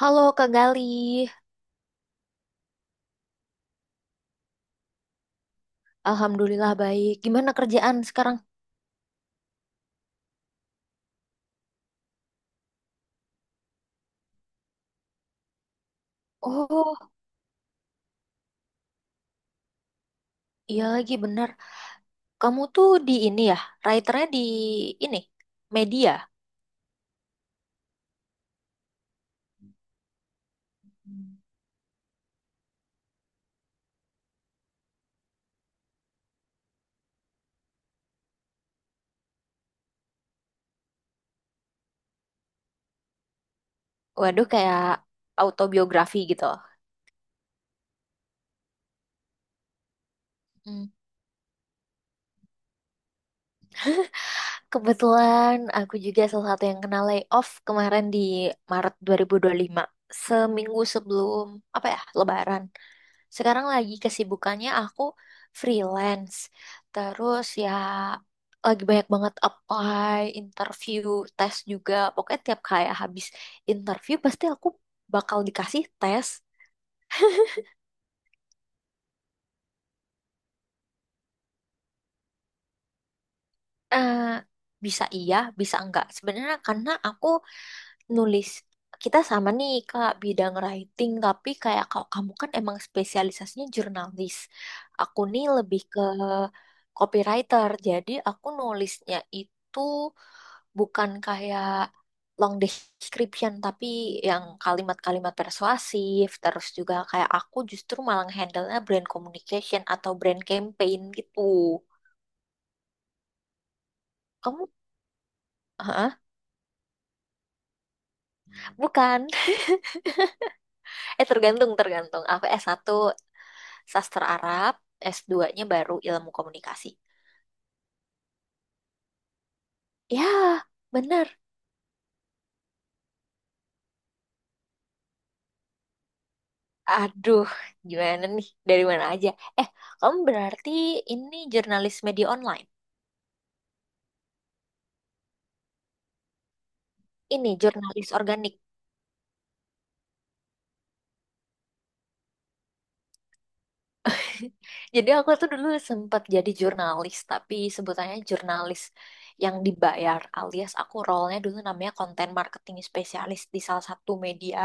Halo Kak Gali, alhamdulillah baik. Gimana kerjaan sekarang? Oh, iya lagi benar. Kamu tuh di ini ya, writernya di ini, media. Waduh, kayak autobiografi gitu. Hmm. Kebetulan aku juga salah satu yang kena layoff kemarin di Maret 2025. Seminggu sebelum, apa ya, Lebaran. Sekarang lagi kesibukannya aku freelance. Terus ya lagi banyak banget apply, interview, tes juga. Pokoknya tiap kayak habis interview pasti aku bakal dikasih tes. Eh, Bisa iya, bisa enggak. Sebenarnya karena aku nulis kita sama nih Kak bidang writing, tapi kayak kalau kamu kan emang spesialisasinya jurnalis. Aku nih lebih ke copywriter. Jadi aku nulisnya itu bukan kayak long description tapi yang kalimat-kalimat persuasif terus juga kayak aku justru malah handle-nya brand communication atau brand campaign gitu kamu. Hah? Bukan. eh tergantung tergantung aku s satu sastra Arab, S2-nya baru ilmu komunikasi. Ya bener. Aduh, gimana nih dari mana aja. eh Kamu berarti ini jurnalis media online. Ini jurnalis organik. Jadi aku tuh dulu sempat jadi jurnalis, tapi sebutannya jurnalis yang dibayar alias aku role-nya dulu namanya content marketing spesialis di salah satu media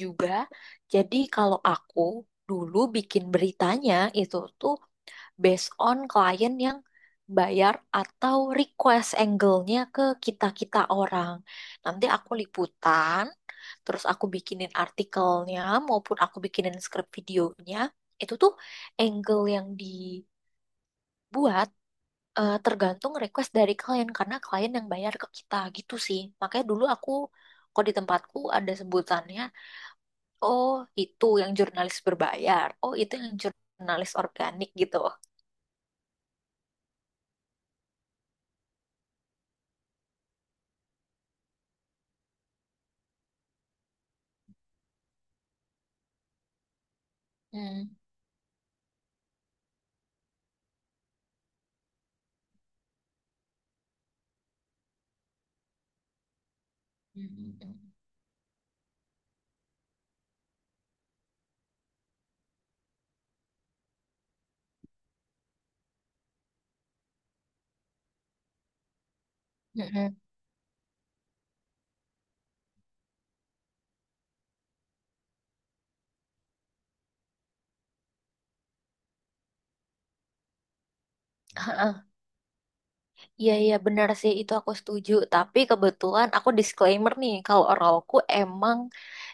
juga. Jadi kalau aku dulu bikin beritanya itu tuh based on klien yang bayar atau request angle-nya ke kita-kita orang. Nanti aku liputan, terus aku bikinin artikelnya maupun aku bikinin skrip videonya. Itu tuh angle yang dibuat tergantung request dari klien karena klien yang bayar ke kita gitu sih. Makanya dulu aku kok di tempatku ada sebutannya, oh itu yang jurnalis berbayar, oh itu yang jurnalis organik gitu. Hmm. Hmm. Mm-mm. Iya iya benar sih itu aku setuju, tapi kebetulan aku disclaimer nih kalau Oralku emang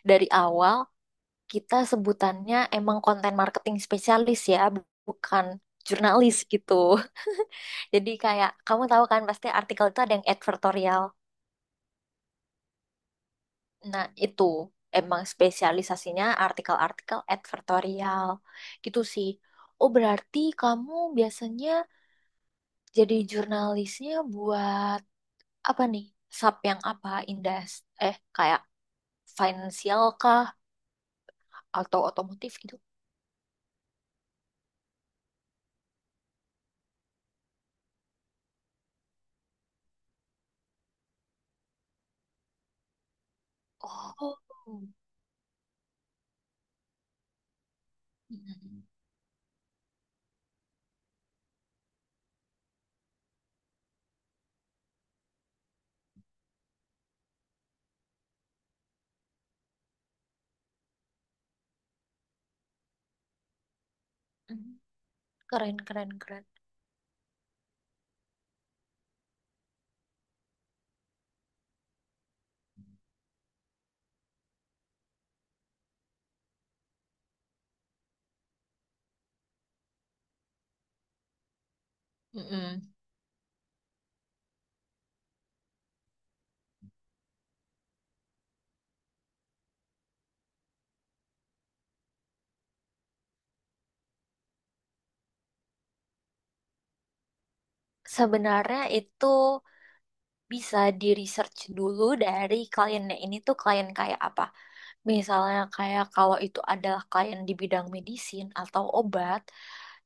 dari awal kita sebutannya emang konten marketing spesialis ya, bu- bukan jurnalis gitu. Jadi kayak kamu tahu kan pasti artikel itu ada yang advertorial, nah itu emang spesialisasinya artikel-artikel advertorial gitu sih. Oh berarti kamu biasanya jadi jurnalisnya buat apa nih, sub yang apa indas, kayak financial kah atau otomotif gitu. Oh. Mm. Keren keren keren. Mm-mm. Sebenarnya itu bisa di research dulu dari kliennya, ini tuh klien kayak apa, misalnya kayak kalau itu adalah klien di bidang medisin atau obat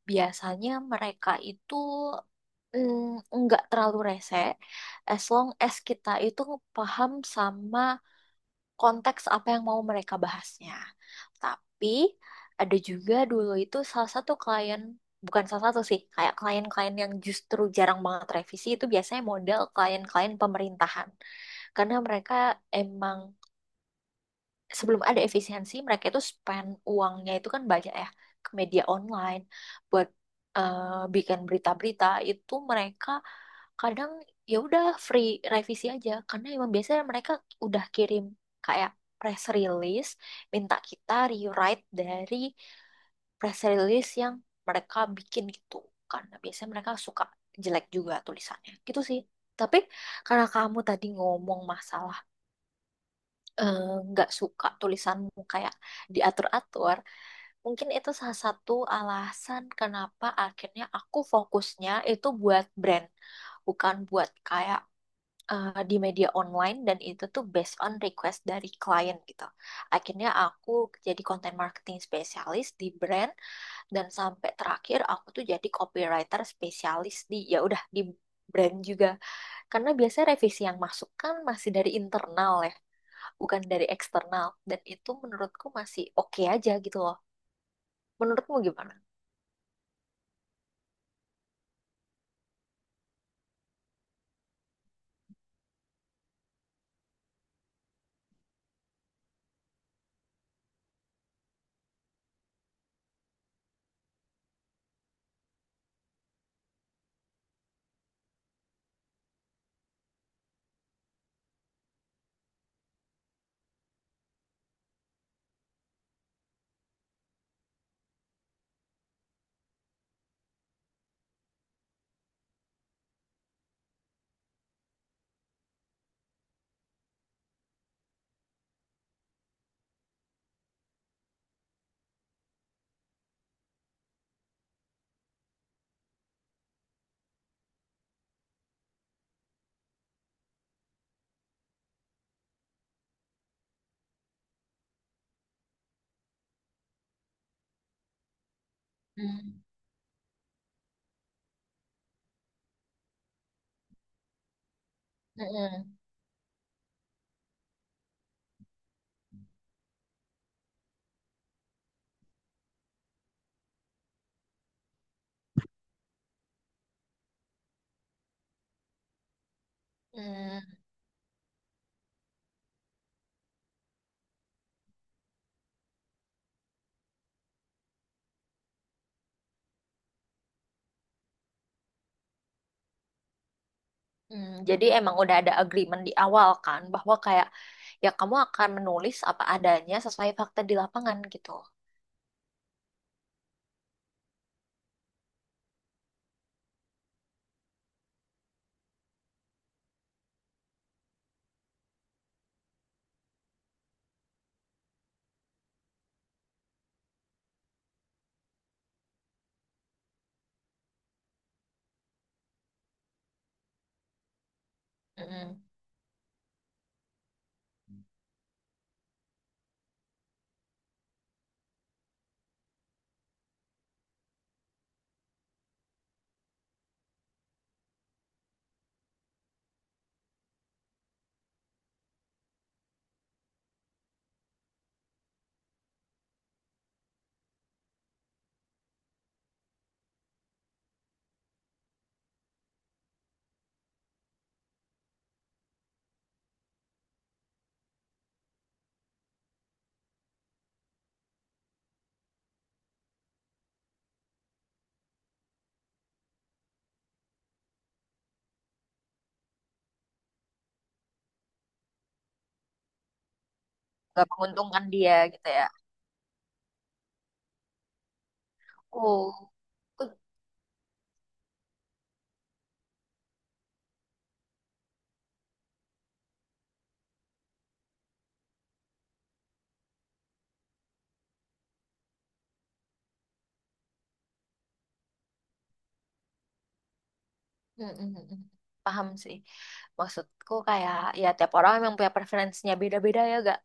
biasanya mereka itu nggak terlalu rese as long as kita itu paham sama konteks apa yang mau mereka bahasnya. Tapi ada juga dulu itu salah satu klien, bukan salah satu sih, kayak klien-klien yang justru jarang banget revisi itu biasanya model klien-klien pemerintahan. Karena mereka emang sebelum ada efisiensi mereka itu spend uangnya itu kan banyak ya ke media online buat bikin berita-berita itu mereka kadang ya udah free revisi aja karena emang biasanya mereka udah kirim kayak press release, minta kita rewrite dari press release yang mereka bikin gitu karena biasanya mereka suka jelek juga tulisannya gitu sih. Tapi karena kamu tadi ngomong masalah nggak suka tulisanmu kayak diatur-atur, mungkin itu salah satu alasan kenapa akhirnya aku fokusnya itu buat brand, bukan buat kayak di media online dan itu tuh based on request dari klien gitu. Akhirnya aku jadi content marketing spesialis di brand dan sampai terakhir aku tuh jadi copywriter spesialis di ya udah di brand juga. Karena biasanya revisi yang masuk kan masih dari internal ya bukan dari eksternal dan itu menurutku masih oke aja gitu loh. Menurutmu gimana? Hmm. Mm-mm. Mm, mm. Jadi emang udah ada agreement di awal kan bahwa kayak ya kamu akan menulis apa adanya sesuai fakta di lapangan gitu. Mm-mm. Gak menguntungkan dia gitu ya. Oh, uh, mm, mm, mm. Paham sih. Maksudku kayak ya tiap orang memang punya preferensinya beda-beda ya gak?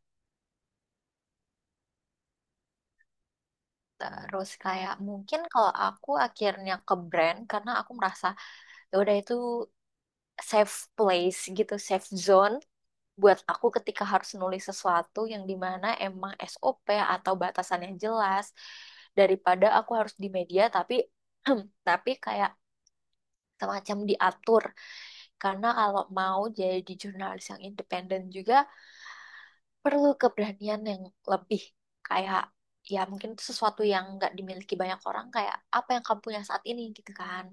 Terus kayak mungkin kalau aku akhirnya ke brand karena aku merasa ya udah itu safe place gitu, safe zone buat aku ketika harus nulis sesuatu yang dimana emang SOP atau batasannya jelas daripada aku harus di media tapi tapi kayak semacam diatur karena kalau mau jadi jurnalis yang independen juga perlu keberanian yang lebih, kayak ya mungkin itu sesuatu yang nggak dimiliki banyak orang kayak apa yang kamu punya saat ini gitu kan.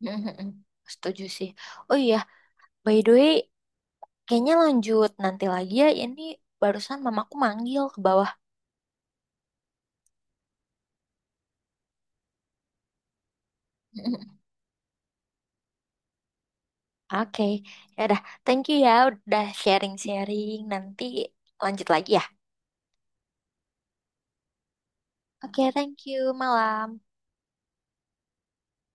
Setuju sih. Oh iya, by the way, kayaknya lanjut nanti lagi ya. Ini barusan mamaku manggil ke bawah. Oke, ya udah. Thank you ya udah sharing-sharing. Nanti lanjut lagi ya. Oke, thank you. Malam.